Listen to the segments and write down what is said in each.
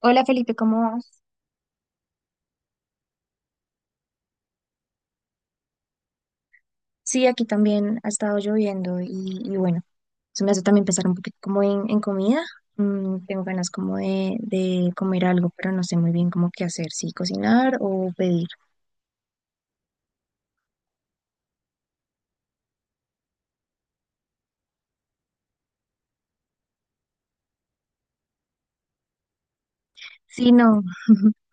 Hola Felipe, ¿cómo vas? Sí, aquí también ha estado lloviendo y bueno, eso me hace también pensar un poquito como en comida. Tengo ganas como de comer algo, pero no sé muy bien cómo qué hacer, si cocinar o pedir. Sí, no,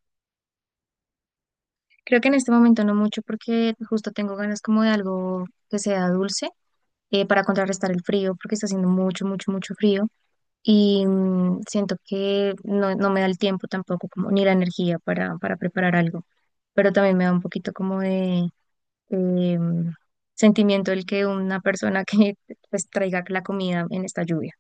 creo que en este momento no mucho porque justo tengo ganas como de algo que sea dulce para contrarrestar el frío porque está haciendo mucho, mucho, mucho frío y siento que no, no me da el tiempo tampoco como ni la energía para preparar algo. Pero también me da un poquito como de, eh, sentimiento el que una persona que pues traiga la comida en esta lluvia.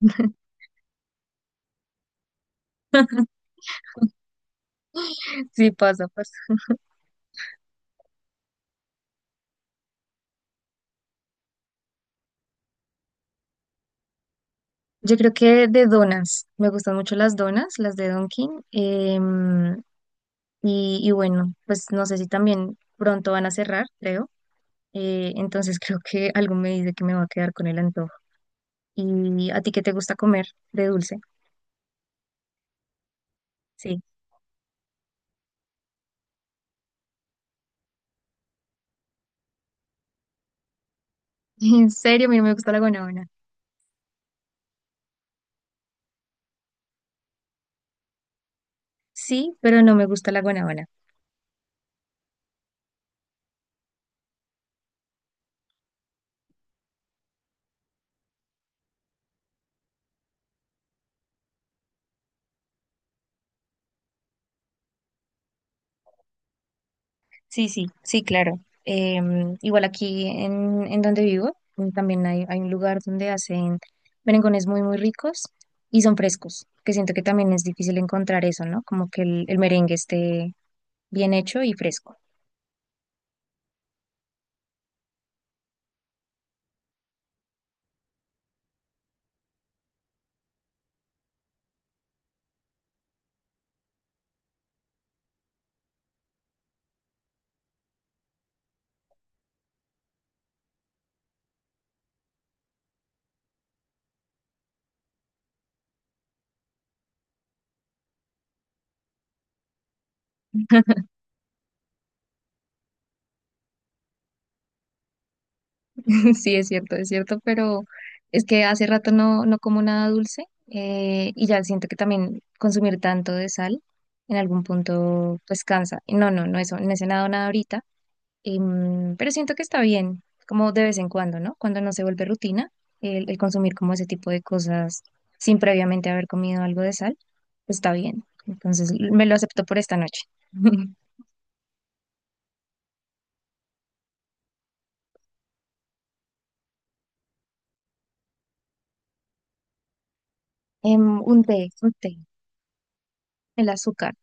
Sí, pasa, pasa. Yo creo que de donas, me gustan mucho las donas, las de Dunkin', y bueno, pues no sé si también pronto van a cerrar, creo. Entonces creo que algo me dice que me va a quedar con el antojo. ¿Y a ti qué te gusta comer de dulce? Sí. En serio, a mí no me gusta la guanábana. Sí, pero no me gusta la guanábana. Sí, sí, sí, claro. Igual aquí en donde vivo, también hay un lugar donde hacen merengones muy, muy ricos y son frescos, que siento que también es difícil encontrar eso, ¿no? Como que el merengue esté bien hecho y fresco. Sí, es cierto, pero es que hace rato no, no como nada dulce y ya siento que también consumir tanto de sal en algún punto pues cansa. Y no, no, no, eso, no he cenado nada ahorita. Pero siento que está bien, como de vez en cuando, ¿no? Cuando no se vuelve rutina, el consumir como ese tipo de cosas sin previamente haber comido algo de sal, está bien. Entonces, me lo acepto por esta noche. Em, un té, el azúcar.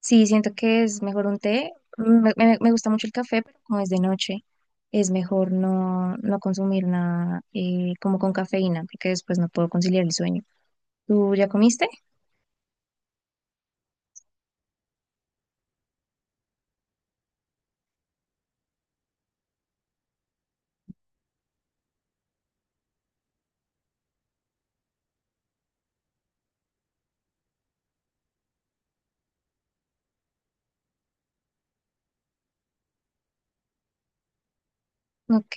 Sí, siento que es mejor un té. Me gusta mucho el café, pero como es de noche, es mejor no, no consumir nada como con cafeína, porque después no puedo conciliar el sueño. ¿Tú ya comiste? Ok.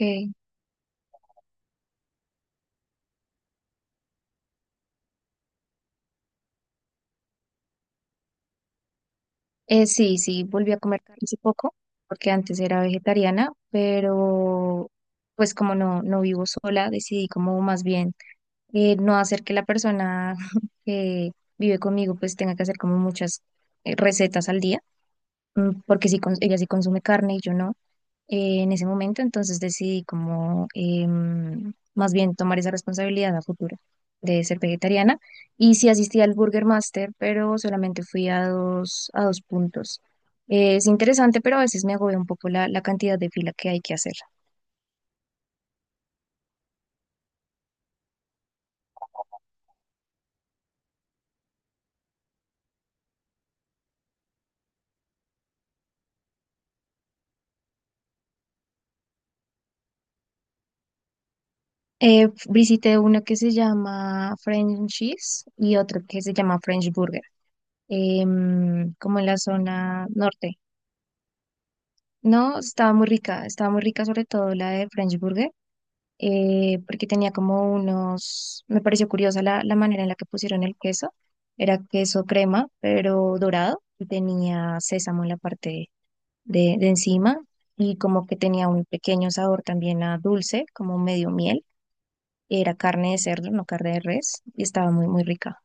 Sí, sí, volví a comer carne hace poco, porque antes era vegetariana, pero pues como no, no vivo sola, decidí como más bien no hacer que la persona que vive conmigo pues tenga que hacer como muchas recetas al día, porque sí, ella sí consume carne y yo no. En ese momento, entonces decidí como más bien tomar esa responsabilidad a futuro de ser vegetariana. Y sí asistí al Burger Master, pero solamente fui a dos puntos. Es interesante, pero a veces me agobia un poco la, la cantidad de fila que hay que hacer. Visité uno que se llama French Cheese y otro que se llama French Burger, como en la zona norte. No, estaba muy rica sobre todo la de French Burger porque tenía como unos, me pareció curiosa la, la manera en la que pusieron el queso. Era queso crema, pero dorado, y tenía sésamo en la parte de encima, y como que tenía un pequeño sabor también a dulce, como medio miel. Era carne de cerdo, no carne de res, y estaba muy, muy rica.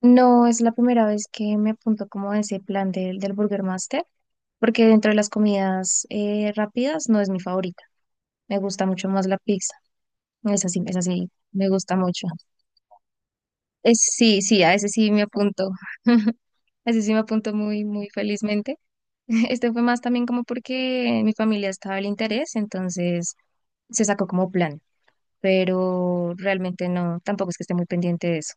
No es la primera vez que me apunto como a ese plan del, del Burger Master, porque dentro de las comidas rápidas no es mi favorita. Me gusta mucho más la pizza. Esa sí, me gusta mucho. Es, sí, sí, a ese sí me apunto. A ese sí me apunto muy, muy felizmente. Este fue más también como porque mi familia estaba el interés, entonces se sacó como plan, pero realmente no, tampoco es que esté muy pendiente de eso.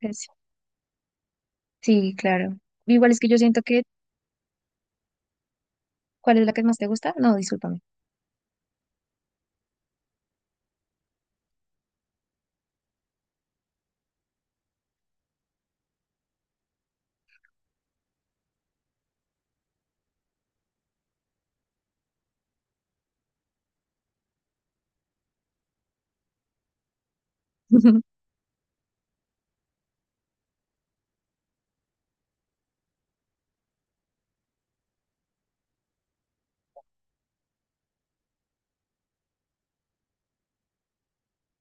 Pues, sí, claro. Igual es que yo siento que ¿cuál es la que más te gusta? No, discúlpame.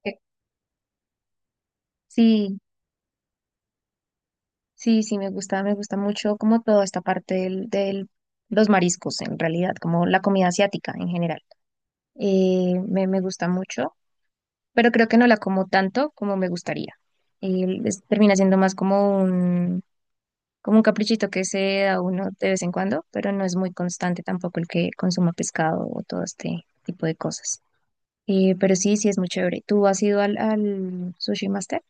Eh, sí, sí, sí, me gusta mucho como toda esta parte del los mariscos en realidad, como la comida asiática en general. Me gusta mucho, pero creo que no la como tanto como me gustaría. Y termina siendo más como un caprichito que se da uno de vez en cuando, pero no es muy constante tampoco el que consuma pescado o todo este tipo de cosas. Pero sí, sí es muy chévere. ¿Tú has ido al, al Sushi Master?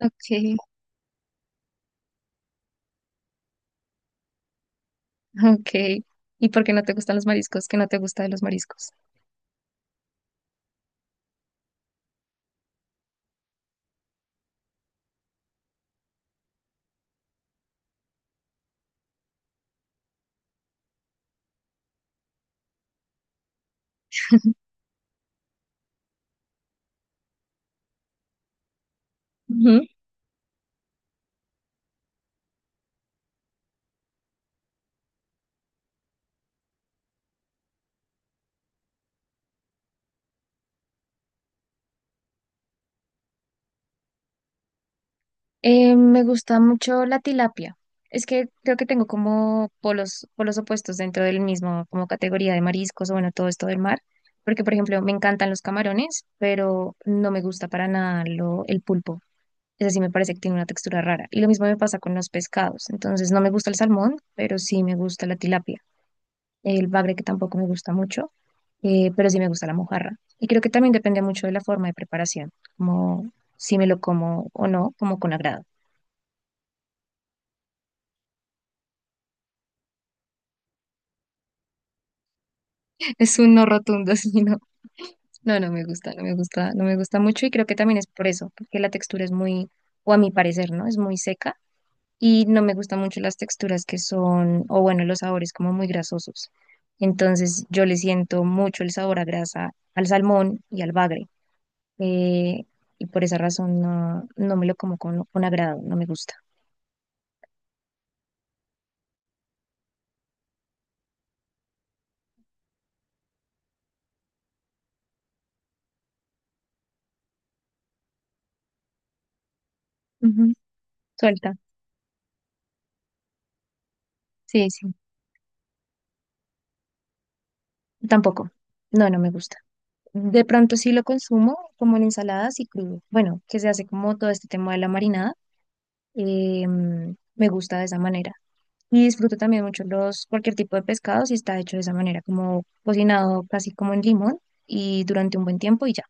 Ok, ok. ¿Y por qué no te gustan los mariscos? ¿Qué no te gusta de los mariscos? Me gusta mucho la tilapia. Es que creo que tengo como polos, polos opuestos dentro del mismo, como categoría de mariscos o bueno, todo esto del mar. Porque, por ejemplo, me encantan los camarones, pero no me gusta para nada lo, el pulpo. Es así, me parece que tiene una textura rara. Y lo mismo me pasa con los pescados. Entonces, no me gusta el salmón, pero sí me gusta la tilapia. El bagre que tampoco me gusta mucho, pero sí me gusta la mojarra. Y creo que también depende mucho de la forma de preparación, como si me lo como o no, como con agrado. Es un no rotundo, sí, no. No, no me gusta, no me gusta, no me gusta mucho y creo que también es por eso, porque la textura es muy, o a mi parecer, ¿no? Es muy seca y no me gustan mucho las texturas que son, o bueno, los sabores como muy grasosos. Entonces yo le siento mucho el sabor a grasa al salmón y al bagre. eh, y por esa razón no, no me lo como con agrado, no me gusta. Ujú. Suelta, sí, sí. Tampoco. No, no me gusta. De pronto sí lo consumo como en ensaladas y crudo. Bueno, que se hace como todo este tema de la marinada. eh, me gusta de esa manera. Y disfruto también mucho los, cualquier tipo de pescado si está hecho de esa manera, como cocinado casi como en limón y durante un buen tiempo y ya.